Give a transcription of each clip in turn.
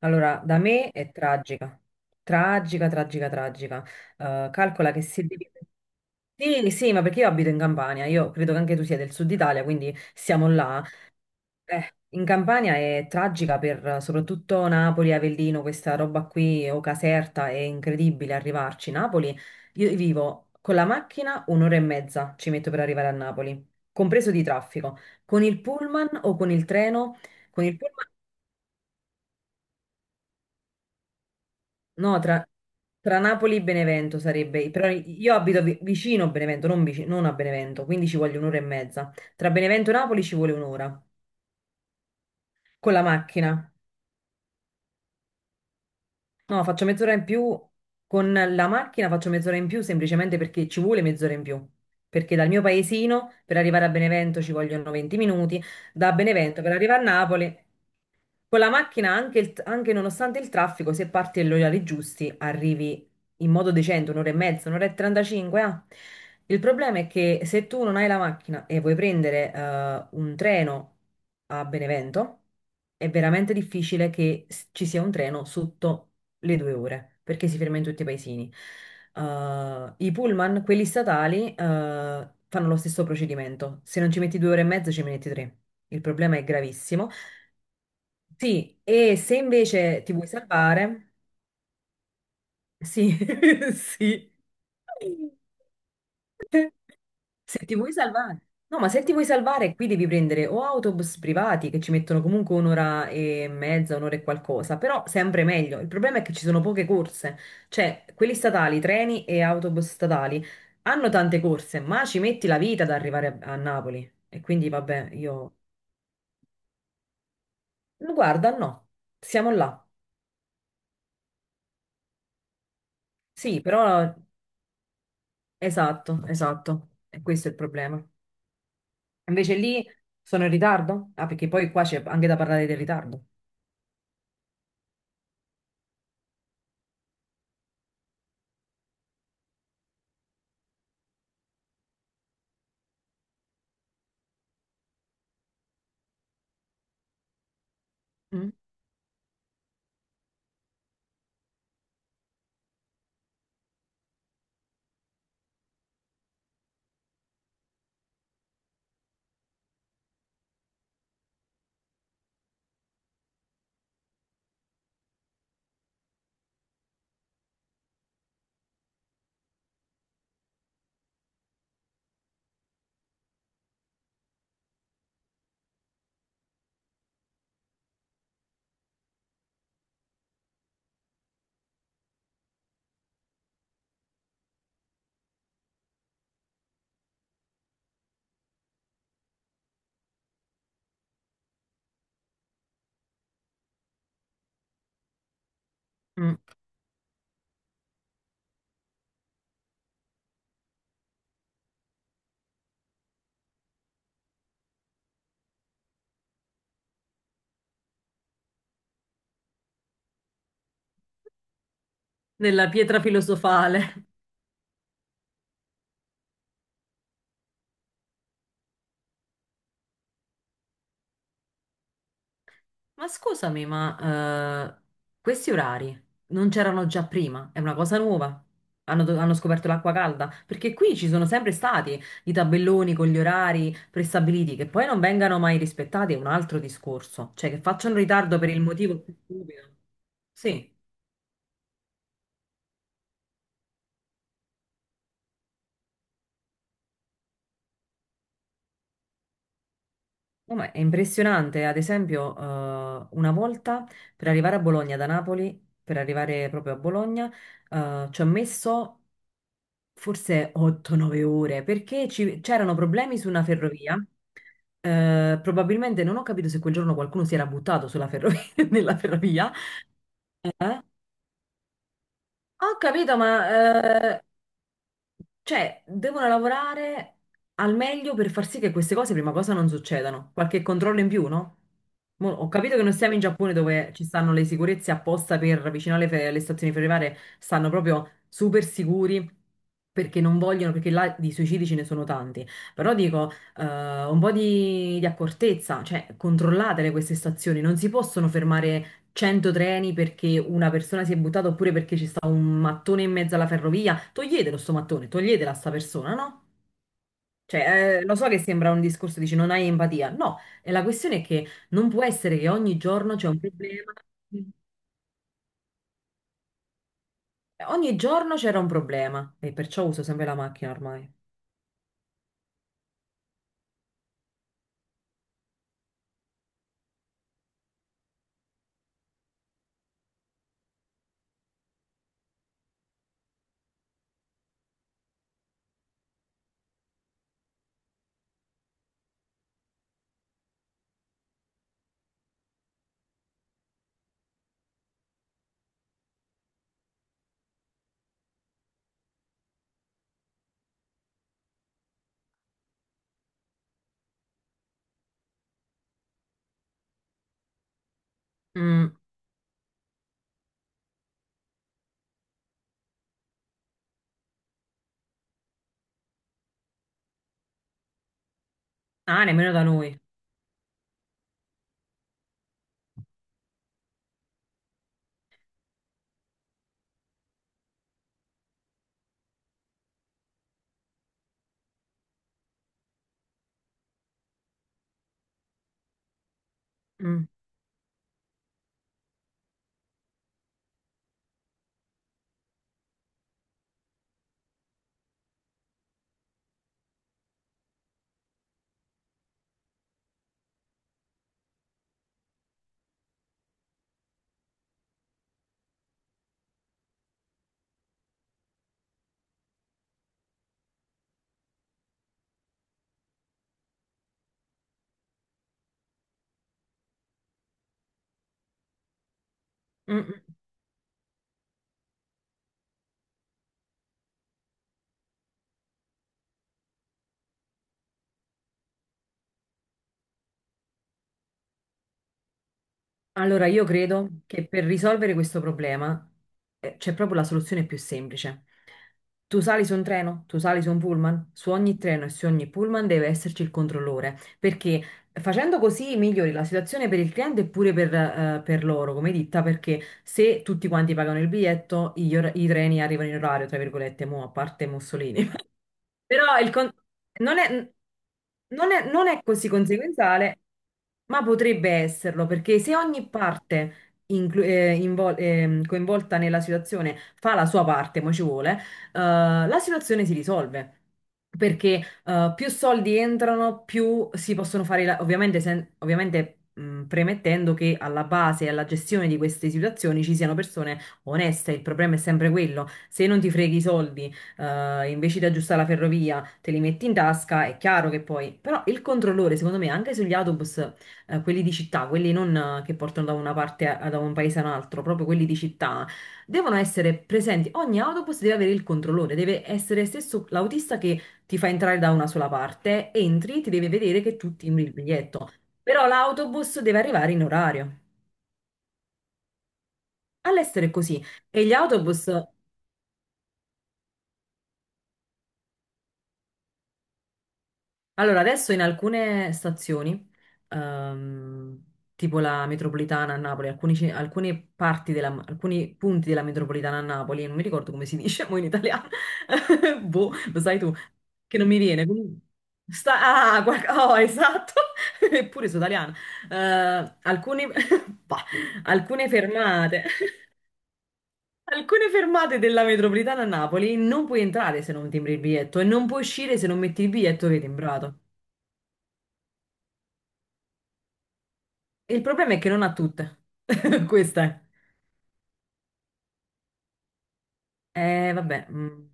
Allora, da me è tragica, tragica, tragica, tragica. Calcola che se devi... Sì, sì, ma perché io abito in Campania, io credo che anche tu sia del sud Italia, quindi siamo là. In Campania è tragica per soprattutto Napoli, Avellino, questa roba qui, o Caserta, è incredibile arrivarci. Napoli, io vivo con la macchina un'ora e mezza ci metto per arrivare a Napoli, compreso di traffico. Con il pullman o con il treno? Con il pullman... No, tra, tra Napoli e Benevento sarebbe, però io abito vicino a Benevento, non, non a Benevento, quindi ci voglio un'ora e mezza. Tra Benevento e Napoli ci vuole un'ora con la macchina. No, faccio mezz'ora in più con la macchina, faccio mezz'ora in più semplicemente perché ci vuole mezz'ora in più. Perché dal mio paesino per arrivare a Benevento ci vogliono 20 minuti, da Benevento per arrivare a Napoli. Con la macchina, anche, anche nonostante il traffico, se parti agli orari giusti, arrivi in modo decente, un'ora e mezza, un'ora e 35. Ah. Il problema è che se tu non hai la macchina e vuoi prendere un treno a Benevento, è veramente difficile che ci sia un treno sotto le due ore, perché si ferma in tutti i paesini. I pullman, quelli statali, fanno lo stesso procedimento. Se non ci metti due ore e mezza, ci metti tre. Il problema è gravissimo. Sì, e se invece ti vuoi salvare, sì, sì. Se ti vuoi salvare, no, ma se ti vuoi salvare, qui devi prendere o autobus privati che ci mettono comunque un'ora e mezza, un'ora e qualcosa, però sempre meglio. Il problema è che ci sono poche corse, cioè quelli statali, treni e autobus statali hanno tante corse, ma ci metti la vita ad arrivare a, a Napoli. E quindi vabbè, io guarda, no, siamo là. Sì, però esatto, esatto, e questo è il problema. Invece lì sono in ritardo? Ah, perché poi qua c'è anche da parlare del ritardo. Mm, mm. Nella pietra filosofale. Ma scusami, questi orari non c'erano già prima? È una cosa nuova? Hanno, hanno scoperto l'acqua calda? Perché qui ci sono sempre stati i tabelloni con gli orari prestabiliti, che poi non vengano mai rispettati è un altro discorso. Cioè, che facciano ritardo per il motivo più stupido. Sì. No, ma è impressionante, ad esempio, una volta per arrivare a Bologna da Napoli, per arrivare proprio a Bologna, ci ho messo forse 8-9 ore perché c'erano problemi su una ferrovia. Probabilmente non ho capito se quel giorno qualcuno si era buttato sulla ferrovia, nella ferrovia. Eh? Ho capito, cioè, devono lavorare al meglio per far sì che queste cose, prima cosa, non succedano. Qualche controllo in più, no? Ho capito che non siamo in Giappone dove ci stanno le sicurezze apposta per vicino alle, alle stazioni ferroviarie, stanno proprio super sicuri perché non vogliono, perché là di suicidi ce ne sono tanti. Però dico, eh, un po' di accortezza, cioè controllatele queste stazioni, non si possono fermare 100 treni perché una persona si è buttata oppure perché ci sta un mattone in mezzo alla ferrovia, toglietelo sto mattone, toglietela a sta persona, no? Cioè, lo so che sembra un discorso, dici non hai empatia. No, e la questione è che non può essere che ogni giorno c'è un problema. Eh, Ogni giorno c'era un problema e perciò uso sempre la macchina ormai. Mm. Ah, nemmeno da noi. Mm. Mm, mm. Allora, io credo che per risolvere questo problema c'è proprio la soluzione più semplice. Tu sali su un treno, tu sali su un pullman, su ogni treno e su ogni pullman deve esserci il controllore, perché facendo così migliori la situazione per il cliente e pure per loro come ditta, perché se tutti quanti pagano il biglietto, i treni arrivano in orario, tra virgolette, mo, a parte Mussolini. Però non è, non è così conseguenziale, ma potrebbe esserlo, perché se ogni parte coinvolta nella situazione fa la sua parte, mo ci vuole, la situazione si risolve. Perché più soldi entrano, più si possono fare, ovviamente, ovviamente premettendo che alla base e alla gestione di queste situazioni ci siano persone oneste, il problema è sempre quello. Se non ti freghi i soldi invece di aggiustare la ferrovia, te li metti in tasca, è chiaro che poi... Però il controllore, secondo me, anche sugli autobus, quelli di città, quelli non che portano da una parte, da un paese a un altro, proprio quelli di città, devono essere presenti. Ogni autobus deve avere il controllore, deve essere stesso l'autista che ti fa entrare da una sola parte, entri, ti deve vedere che tu timbri il biglietto. Però l'autobus deve arrivare in orario. All'estero è così. E gli autobus. Allora, adesso in alcune stazioni, ehm, tipo la metropolitana a Napoli, alcuni, alcune parti della, alcuni punti della metropolitana a Napoli, non mi ricordo come si dice mo in italiano, boh, lo sai tu, che non mi viene. Comunque, sta, ah, oh, esatto, eppure sono italiana. Alcune, bah, alcune fermate. Alcune fermate della metropolitana a Napoli non puoi entrare se non timbri il biglietto e non puoi uscire se non metti il biglietto che è timbrato. Il problema è che non ha tutte. Questa è. Vabbè. Mm.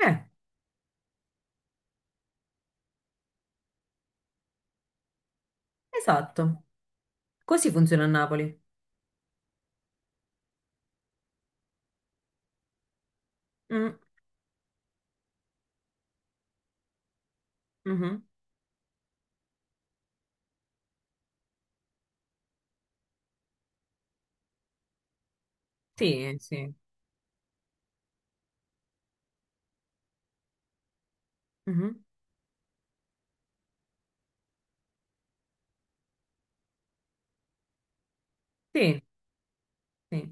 Eh, esatto. Così funziona a Napoli. Mm, mhm. Sì, sì. Mhm. Sì, sì.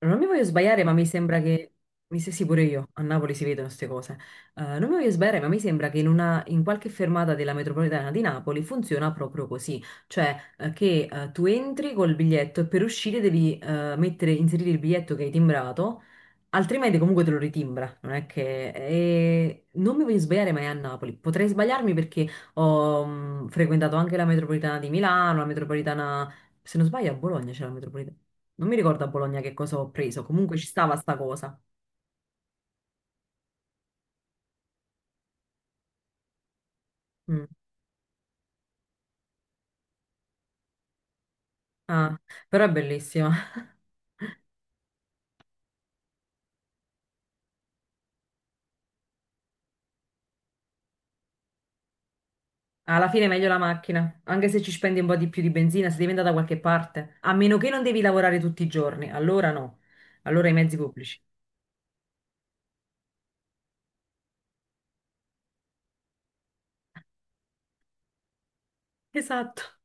Non mi voglio sbagliare, ma mi sembra che, mi se sì pure io, a Napoli si vedono queste cose. Non mi voglio sbagliare, ma mi sembra che in, una, in qualche fermata della metropolitana di Napoli funziona proprio così, cioè che tu entri col biglietto e per uscire devi mettere, inserire il biglietto che hai timbrato, altrimenti comunque te lo ritimbra, non è che... E non mi voglio sbagliare, ma è a Napoli, potrei sbagliarmi perché ho frequentato anche la metropolitana di Milano, la metropolitana se non sbaglio a Bologna c'era la metropolitana. Non mi ricordo a Bologna che cosa ho preso, comunque ci stava sta cosa. Mm. Ah, però è bellissima. Alla fine è meglio la macchina, anche se ci spendi un po' di più di benzina, se devi andare da qualche parte, a meno che non devi lavorare tutti i giorni, allora no, allora i mezzi pubblici. Esatto.